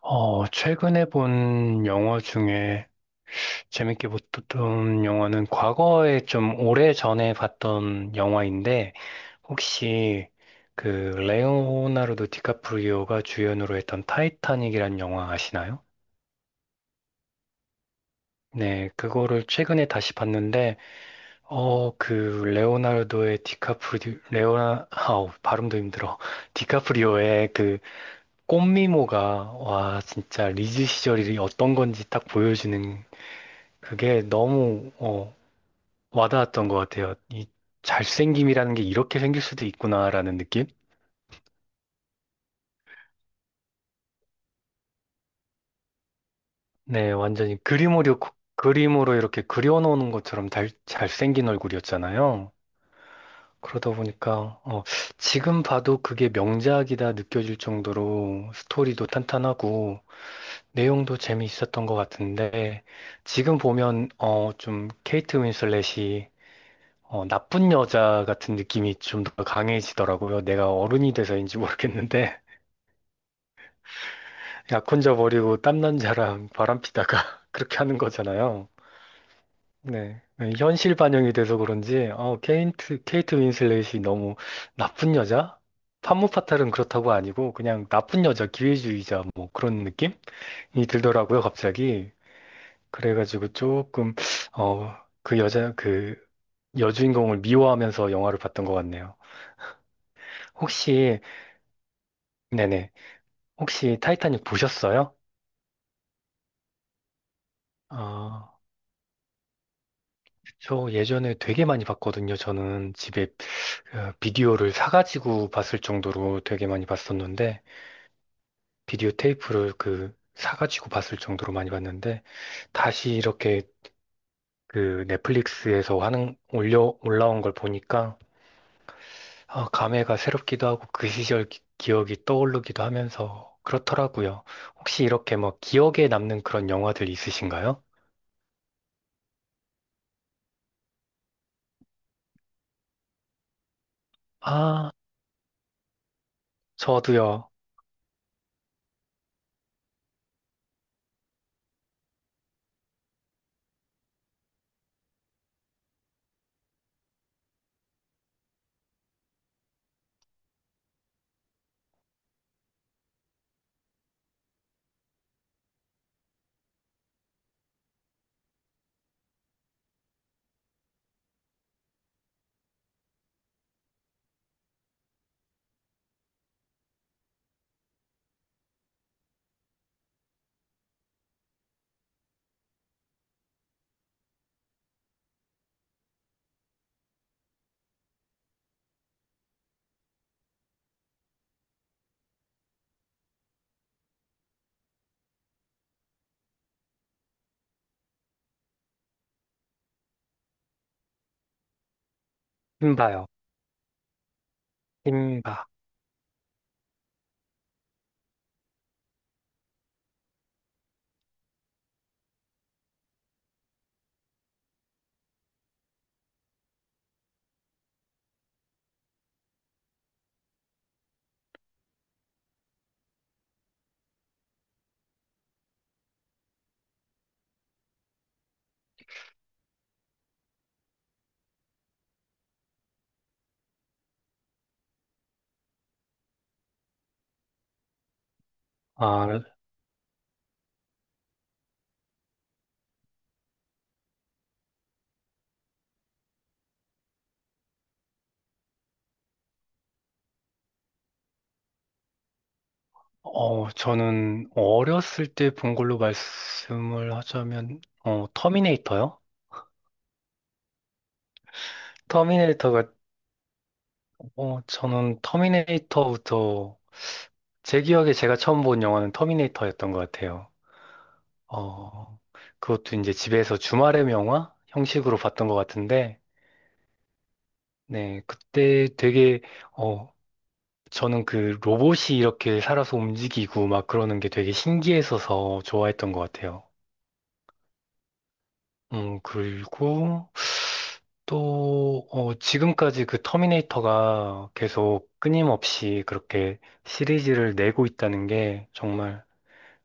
최근에 본 영화 중에 재밌게 봤던 영화는 과거에 좀 오래전에 봤던 영화인데 혹시 그 레오나르도 디카프리오가 주연으로 했던 타이타닉이란 영화 아시나요? 네, 그거를 최근에 다시 봤는데 어, 그 레오나르도의 디카프리 레오나 아우 발음도 힘들어. 디카프리오의 그 꽃미모가 와 진짜 리즈 시절이 어떤 건지 딱 보여주는 그게 너무 와닿았던 것 같아요. 이 잘생김이라는 게 이렇게 생길 수도 있구나라는 느낌? 네, 완전히 그림으로, 그림으로 이렇게 그려놓는 것처럼 잘생긴 얼굴이었잖아요. 그러다 보니까 지금 봐도 그게 명작이다 느껴질 정도로 스토리도 탄탄하고 내용도 재미있었던 것 같은데 지금 보면 좀 케이트 윈슬렛이 나쁜 여자 같은 느낌이 좀 더 강해지더라고요. 내가 어른이 돼서인지 모르겠는데, 약 혼자 버리고 땀난 자랑 바람피다가 그렇게 하는 거잖아요. 네. 현실 반영이 돼서 그런지, 케이트 윈슬렛이 너무 나쁜 여자? 판무파탈은 그렇다고 아니고, 그냥 나쁜 여자, 기회주의자, 뭐 그런 느낌이 들더라고요, 갑자기. 그래가지고 조금, 어, 그 여자, 그 여주인공을 미워하면서 영화를 봤던 것 같네요. 혹시, 네네. 혹시 타이타닉 보셨어요? 아, 저 예전에 되게 많이 봤거든요. 저는 집에 그 비디오를 사가지고 봤을 정도로 되게 많이 봤었는데, 비디오 테이프를 그 사가지고 봤을 정도로 많이 봤는데, 다시 이렇게 그 넷플릭스에서 올라온 걸 보니까, 아, 감회가 새롭기도 하고 그 시절 기억이 떠오르기도 하면서 그렇더라고요. 혹시 이렇게 뭐 기억에 남는 그런 영화들 있으신가요? 아, 저도요. 힘 봐요. 심박. 아, 저는 어렸을 때 본 걸로 말씀을 하자면, 터미네이터요? 터미네이터가, 저는 제 기억에 제가 처음 본 영화는 터미네이터였던 것 같아요. 어, 그것도 이제 집에서 주말의 명화 형식으로 봤던 것 같은데, 네, 어, 저는 그 로봇이 이렇게 살아서 움직이고 막 그러는 게 되게 신기했어서 좋아했던 것 같아요. 그리고 지금까지 그 터미네이터가 계속 끊임없이 그렇게 시리즈를 내고 있다는 게 정말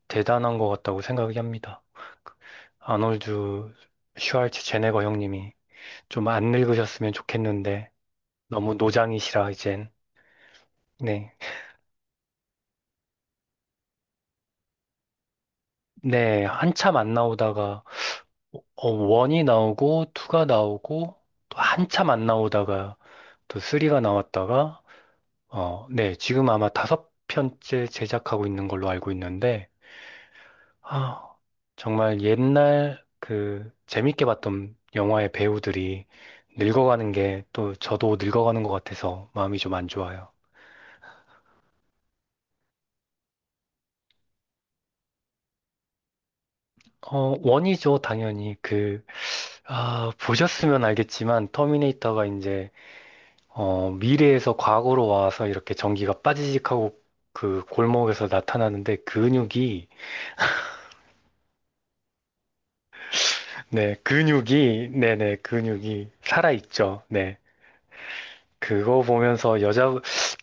대단한 것 같다고 생각이 합니다. 그 아놀드 슈왈츠 제네거 형님이 좀 안 늙으셨으면 좋겠는데 너무 노장이시라 이젠. 네. 네, 한참 안 나오다가 원이 나오고 투가 나오고 또 한참 안 나오다가 또 쓰리가 나왔다가 어, 네, 지금 아마 다섯 편째 제작하고 있는 걸로 알고 있는데, 아, 정말 옛날 그 재밌게 봤던 영화의 배우들이 늙어가는 게 또 저도 늙어가는 것 같아서 마음이 좀 안 좋아요. 어, 원이죠, 당연히. 그, 아, 보셨으면 알겠지만, 미래에서 과거로 와서 이렇게 전기가 빠지직하고 그 골목에서 나타나는데 근육이, 네네, 근육이 살아있죠. 네. 그거 보면서 여자,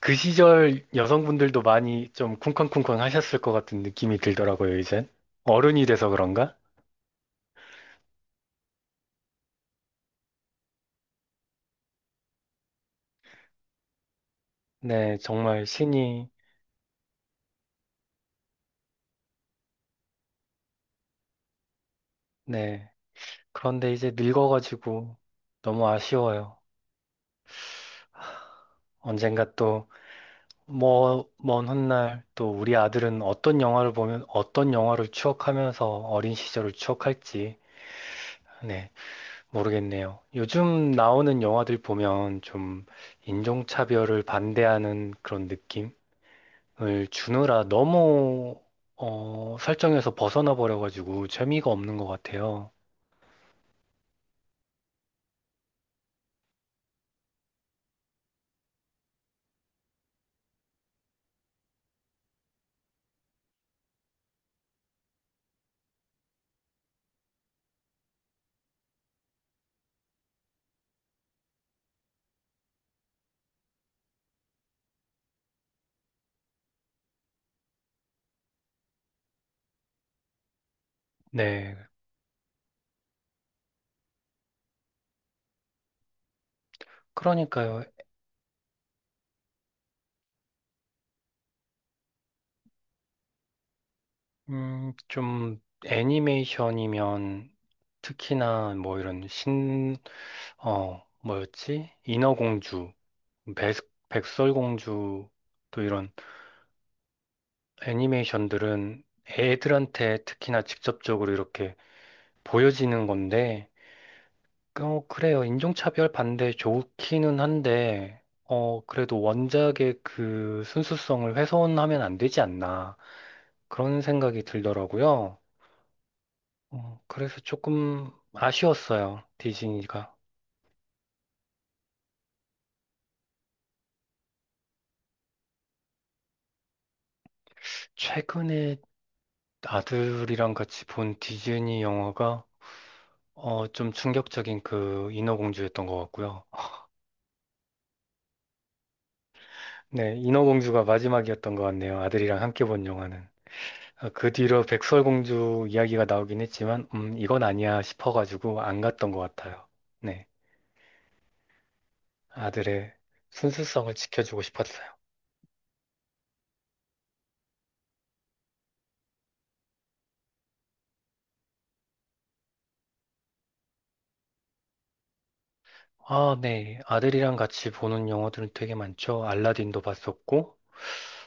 그 시절 여성분들도 많이 좀 쿵쾅쿵쾅 하셨을 것 같은 느낌이 들더라고요, 이젠. 어른이 돼서 그런가? 네, 정말 신이, 네. 그런데 이제 늙어가지고 너무 아쉬워요. 언젠가 또, 뭐, 먼 훗날 또 우리 아들은 어떤 영화를 보면 어떤 영화를 추억하면서 어린 시절을 추억할지, 네, 모르겠네요. 요즘 나오는 영화들 보면 좀 인종차별을 반대하는 그런 느낌? 을 주느라 너무 설정에서 벗어나 버려가지고 재미가 없는 것 같아요. 네, 그러니까요. 좀 애니메이션이면 특히나 뭐 이런 뭐였지? 인어공주, 백, 백설공주 또 이런 애니메이션들은 애들한테 특히나 직접적으로 이렇게 보여지는 건데 어, 그래요. 인종차별 반대 좋기는 한데, 어, 그래도 원작의 그 순수성을 훼손하면 안 되지 않나. 그런 생각이 들더라고요. 어, 그래서 조금 아쉬웠어요. 디즈니가. 최근에 아들이랑 같이 본 디즈니 영화가, 좀 충격적인 그 인어공주였던 것 같고요. 네, 인어공주가 마지막이었던 것 같네요. 아들이랑 함께 본 영화는. 아, 그 뒤로 백설공주 이야기가 나오긴 했지만, 이건 아니야 싶어가지고 안 갔던 것 같아요. 네. 아들의 순수성을 지켜주고 싶었어요. 아, 네. 아들이랑 같이 보는 영화들은 되게 많죠. 알라딘도 봤었고,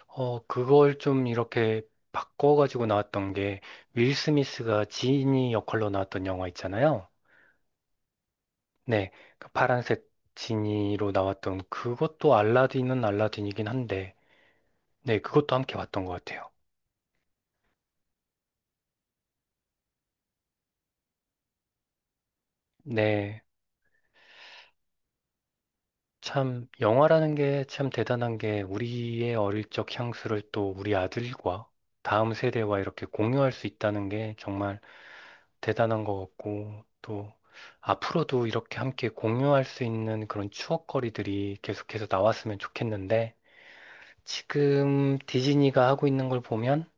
그걸 좀 이렇게 바꿔가지고 나왔던 게, 윌 스미스가 지니 역할로 나왔던 영화 있잖아요. 네. 그 파란색 지니로 나왔던 그것도 알라딘은 알라딘이긴 한데, 네. 그것도 함께 봤던 것 같아요. 네. 참, 영화라는 게 참 대단한 게 우리의 어릴 적 향수를 또 우리 아들과 다음 세대와 이렇게 공유할 수 있다는 게 정말 대단한 것 같고 또 앞으로도 이렇게 함께 공유할 수 있는 그런 추억거리들이 계속해서 나왔으면 좋겠는데 지금 디즈니가 하고 있는 걸 보면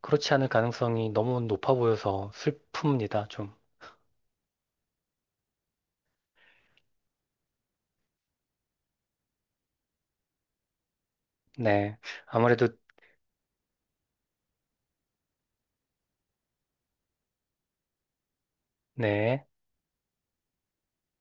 그렇지 않을 가능성이 너무 높아 보여서 슬픕니다, 좀. 네. 아무래도, 네.